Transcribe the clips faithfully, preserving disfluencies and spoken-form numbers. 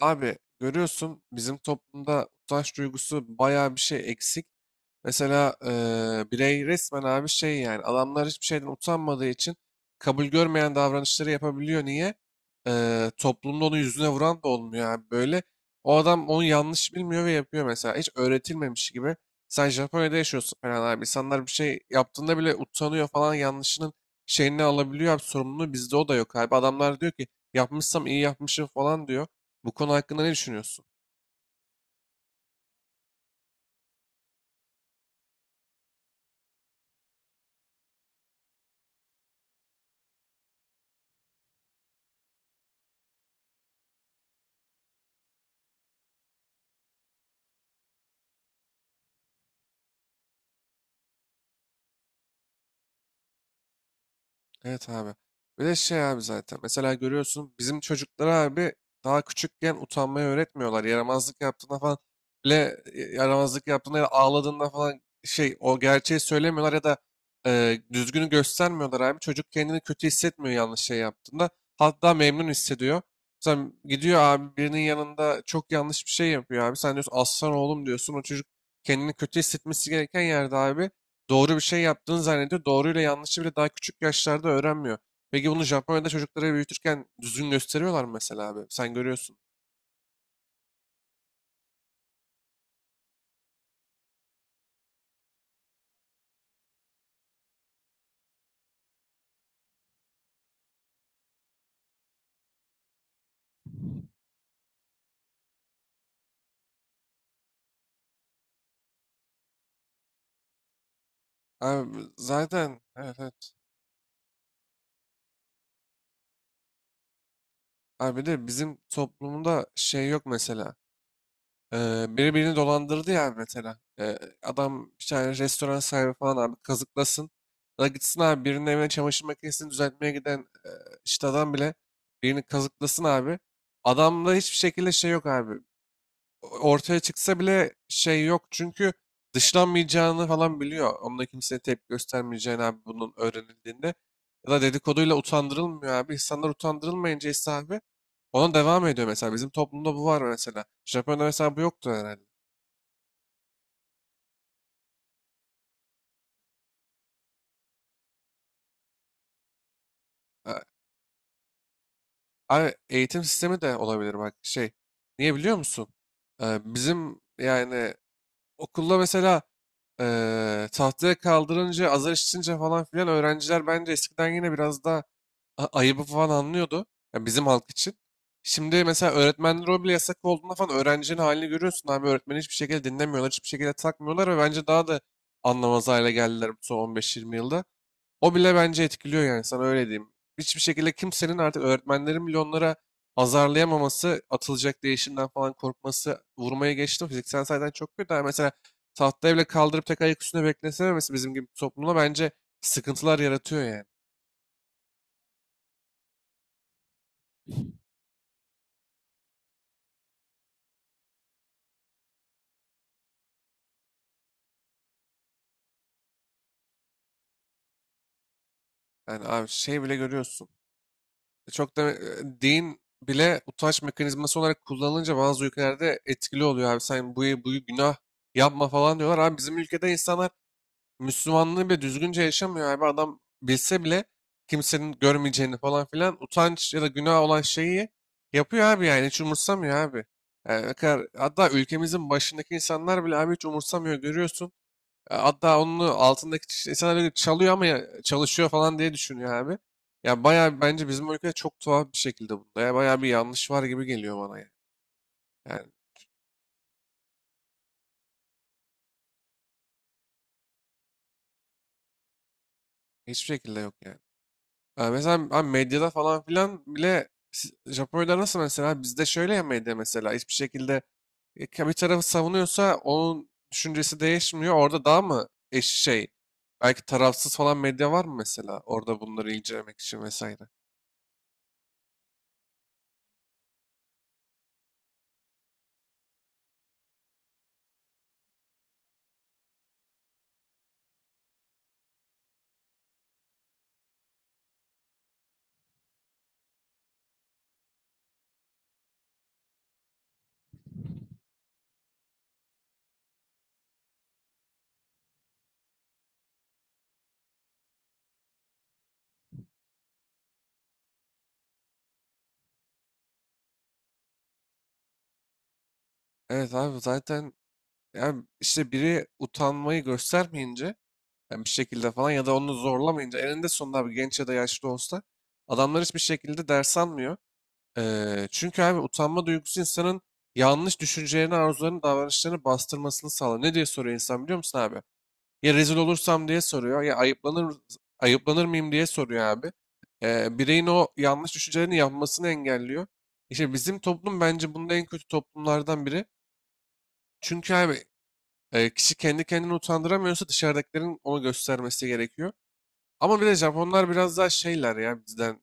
Abi görüyorsun bizim toplumda utanç duygusu bayağı bir şey eksik. Mesela eee, birey resmen abi şey yani adamlar hiçbir şeyden utanmadığı için kabul görmeyen davranışları yapabiliyor. Niye? Eee toplumda onu yüzüne vuran da olmuyor abi böyle. O adam onu yanlış bilmiyor ve yapıyor mesela. Hiç öğretilmemiş gibi. Sen Japonya'da yaşıyorsun falan abi. İnsanlar bir şey yaptığında bile utanıyor falan yanlışının şeyini alabiliyor abi. Sorumluluğu bizde o da yok abi. Adamlar diyor ki yapmışsam iyi yapmışım falan diyor. Bu konu hakkında ne düşünüyorsun? Evet abi. Bir de şey abi zaten. Mesela görüyorsun bizim çocuklara abi daha küçükken utanmayı öğretmiyorlar. Yaramazlık yaptığında falan bile e, yaramazlık yaptığında ya da ağladığında falan şey o gerçeği söylemiyorlar ya da e, düzgünü göstermiyorlar abi. Çocuk kendini kötü hissetmiyor yanlış şey yaptığında. Hatta memnun hissediyor. Mesela gidiyor abi birinin yanında çok yanlış bir şey yapıyor abi. Sen diyorsun aslan oğlum diyorsun. O çocuk kendini kötü hissetmesi gereken yerde abi doğru bir şey yaptığını zannediyor. Doğruyla yanlışı bile daha küçük yaşlarda öğrenmiyor. Peki bunu Japonya'da çocuklara büyütürken düzgün gösteriyorlar mı mesela abi? Sen görüyorsun. Abi zaten, evet evet. Abi bir de bizim toplumda şey yok mesela. Ee, biri birini dolandırdı ya abi mesela. Ee, adam bir tane restoran sahibi falan abi kazıklasın. Ya da gitsin abi birinin evine çamaşır makinesini düzeltmeye giden e, işte adam bile birini kazıklasın abi. Adamda hiçbir şekilde şey yok abi. Ortaya çıksa bile şey yok. Çünkü dışlanmayacağını falan biliyor. Onunla kimseye tepki göstermeyeceğini abi bunun öğrenildiğinde. Ya da dedikoduyla utandırılmıyor abi. İnsanlar utandırılmayınca ise abi ona devam ediyor mesela. Bizim toplumda bu var mesela. Japonya'da mesela bu yoktu herhalde. A- Abi eğitim sistemi de olabilir bak şey. Niye biliyor musun? Ee, bizim yani okulda mesela eee tahtaya kaldırınca azar işitince falan filan öğrenciler bence eskiden yine biraz daha a- ayıbı falan anlıyordu. Yani bizim halk için. Şimdi mesela öğretmenler o bile yasak olduğunda falan öğrencinin halini görüyorsun abi. Öğretmeni hiçbir şekilde dinlemiyorlar, hiçbir şekilde takmıyorlar ve bence daha da anlamaz hale geldiler bu son on beş yirmi yılda. O bile bence etkiliyor yani sana öyle diyeyim. Hiçbir şekilde kimsenin artık öğretmenlerin bile onlara azarlayamaması, atılacak değişimden falan korkması, vurmaya geçtim. Fiziksel sayıdan çok kötü. Yani mesela tahtaya bile kaldırıp tek ayak üstüne beklesememesi bizim gibi bir toplumda bence sıkıntılar yaratıyor yani. Yani abi şey bile görüyorsun. E, Çok da e, din bile utanç mekanizması olarak kullanılınca bazı ülkelerde etkili oluyor abi. Sen bu, bu günah yapma falan diyorlar. Abi bizim ülkede insanlar Müslümanlığı bile düzgünce yaşamıyor abi. Adam bilse bile kimsenin görmeyeceğini falan filan utanç ya da günah olan şeyi yapıyor abi yani hiç umursamıyor abi. Yani ne kadar, hatta ülkemizin başındaki insanlar bile abi hiç umursamıyor görüyorsun. E, Hatta onun altındaki insanlar öyle çalıyor ama ya- çalışıyor falan diye düşünüyor abi. Ya bayağı bence bizim ülkede çok tuhaf bir şekilde bunda. Ya bayağı bir yanlış var gibi geliyor bana ya. Yani hiçbir şekilde yok yani. Ya mesela abi medyada falan filan bile si- Japonya'da nasıl mesela bizde şöyle ya medya mesela hiçbir şekilde e, bir tarafı savunuyorsa onun düşüncesi değişmiyor. Orada daha mı eş şey belki tarafsız falan medya var mı mesela orada bunları incelemek için vesaire. Evet abi zaten yani işte biri utanmayı göstermeyince yani bir şekilde falan ya da onu zorlamayınca eninde sonunda abi genç ya da yaşlı olsa adamlar hiçbir şekilde ders almıyor. Ee, çünkü abi utanma duygusu insanın yanlış düşüncelerini, arzularını, davranışlarını bastırmasını sağlar. Ne diye soruyor insan biliyor musun abi? Ya rezil olursam diye soruyor ya ayıplanır ayıplanır mıyım diye soruyor abi. Ee, bireyin o yanlış düşüncelerini yapmasını engelliyor. İşte bizim toplum bence bunda en kötü toplumlardan biri. Çünkü abi e, kişi kendi kendini utandıramıyorsa dışarıdakilerin onu göstermesi gerekiyor. Ama bir de Japonlar biraz daha şeyler ya bizden.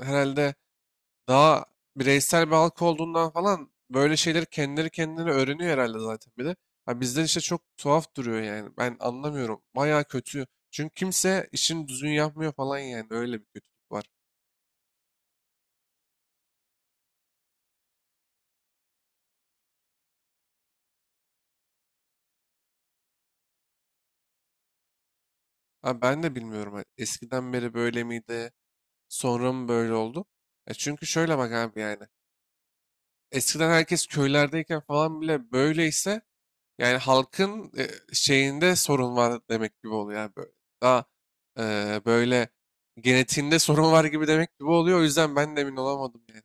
Herhalde daha bireysel bir halk olduğundan falan böyle şeyleri kendileri kendine öğreniyor herhalde zaten bir de. Ha bizden işte çok tuhaf duruyor yani. Ben anlamıyorum. Bayağı kötü. Çünkü kimse işini düzgün yapmıyor falan yani. Öyle bir kötülük var. Ha ben de bilmiyorum. ha, Eskiden beri böyle miydi? Sonra mı böyle oldu? E çünkü şöyle bak abi yani. Eskiden herkes köylerdeyken falan bile böyleyse yani halkın e, şeyinde sorun var demek gibi oluyor yani böyle. Daha e, böyle genetiğinde sorun var gibi demek gibi oluyor. O yüzden ben de emin olamadım yani.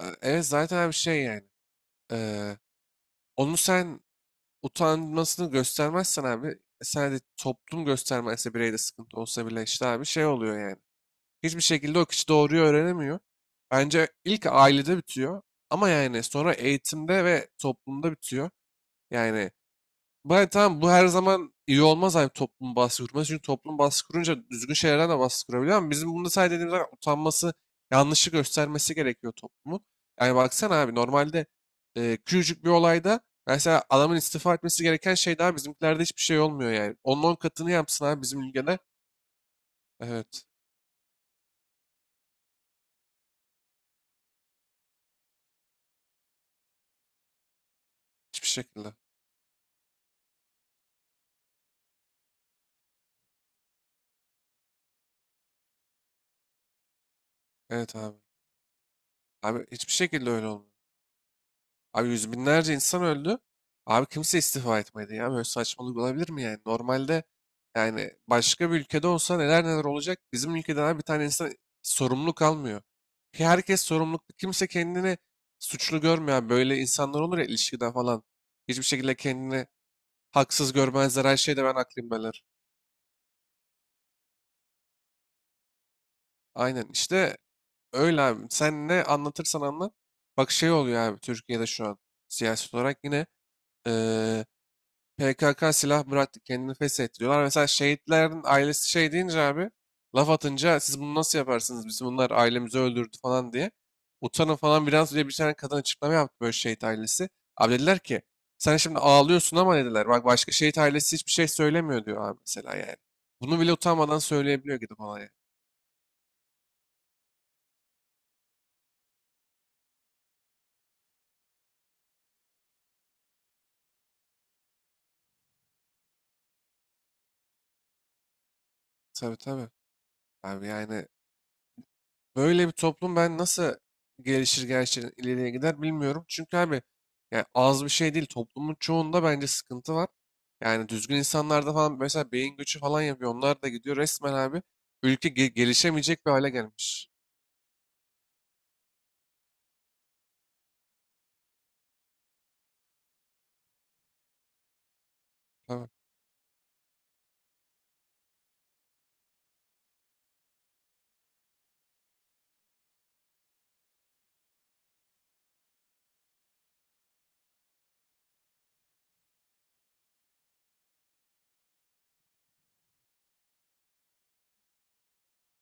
E, Evet zaten abi şey yani. e, Onu sen utanmasını göstermezsen abi sadece toplum göstermezse bireyde sıkıntı olsa bile işte abi şey oluyor yani. Hiçbir şekilde o kişi doğruyu öğrenemiyor. Bence ilk ailede bitiyor ama yani sonra eğitimde ve toplumda bitiyor. Yani bay tamam bu her zaman iyi olmaz hani toplum baskı kurması. Çünkü toplum baskı kurunca düzgün şeylerden de baskı kurabiliyor ama bizim bunu sadece dediğimiz zaman utanması, yanlışı göstermesi gerekiyor toplumun. Yani baksana abi normalde e, küçücük bir olayda mesela adamın istifa etmesi gereken şey daha bizimkilerde hiçbir şey olmuyor yani. Onun on katını yapsın abi bizim ülkede. Evet. Hiçbir şekilde. Evet abi. Abi hiçbir şekilde öyle olmuyor. Abi yüz binlerce insan öldü. Abi kimse istifa etmedi ya. Böyle saçmalık olabilir mi yani? Normalde yani başka bir ülkede olsa neler neler olacak. Bizim ülkeden abi bir tane insan sorumlu kalmıyor. Ki herkes sorumluluk. Kimse kendini suçlu görmüyor abi. Böyle insanlar olur ya ilişkide falan. Hiçbir şekilde kendini haksız görmezler. Her şeyde ben haklıyım derler. Aynen işte öyle abi. Sen ne anlatırsan anlat. Bak şey oluyor abi Türkiye'de şu an siyaset olarak yine eee P K K silah bıraktı, kendini feshettiriyorlar. Mesela şehitlerin ailesi şey deyince abi, laf atınca siz bunu nasıl yaparsınız? Bizim bunlar ailemizi öldürdü falan diye. Utanın falan biraz diye bir tane kadın açıklama yaptı böyle şehit ailesi. Abi dediler ki, sen şimdi ağlıyorsun ama dediler. Bak başka şehit ailesi hiçbir şey söylemiyor diyor abi mesela yani. Bunu bile utanmadan söyleyebiliyor gidip olaya. Tabii tabii. Abi yani böyle bir toplum ben nasıl gelişir gerçekten ileriye gider bilmiyorum. Çünkü abi yani az bir şey değil. Toplumun çoğunda bence sıkıntı var. Yani düzgün insanlarda falan mesela beyin göçü falan yapıyor. Onlar da gidiyor resmen abi. Ülke ge- gelişemeyecek bir hale gelmiş. Tabii.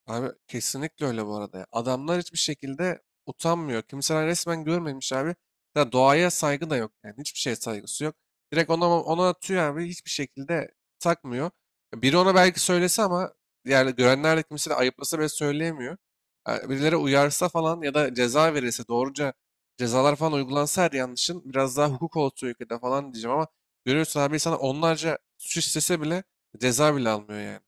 Abi kesinlikle öyle bu arada ya. Adamlar hiçbir şekilde utanmıyor. Kimseler resmen görmemiş abi. Ya doğaya saygı da yok yani. Hiçbir şeye saygısı yok. Direkt ona ona atıyor abi. Hiçbir şekilde takmıyor. Biri ona belki söylese ama yani görenler de kimse de ayıplasa bile söyleyemiyor. Yani birileri uyarsa falan ya da ceza verirse doğruca cezalar falan uygulansa her yanlışın biraz daha hukuk olsun ülkede falan diyeceğim ama görüyorsun abi sana onlarca suç istese bile ceza bile almıyor yani.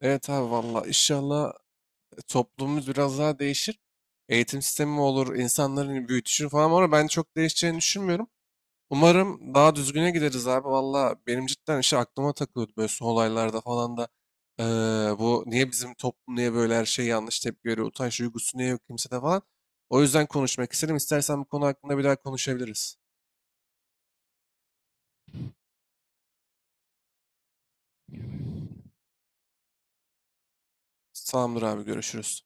Evet abi valla inşallah toplumumuz biraz daha değişir. Eğitim sistemi mi olur, insanların büyütüşü falan var ama ben çok değişeceğini düşünmüyorum. Umarım daha düzgüne gideriz abi. Valla benim cidden işte aklıma takılıyordu böyle son olaylarda falan da. eee, Bu niye bizim toplum niye böyle her şey yanlış tepki veriyor, utanç duygusu niye yok kimsede falan. O yüzden konuşmak istedim. İstersen bu konu hakkında bir daha konuşabiliriz. Tamamdır abi görüşürüz.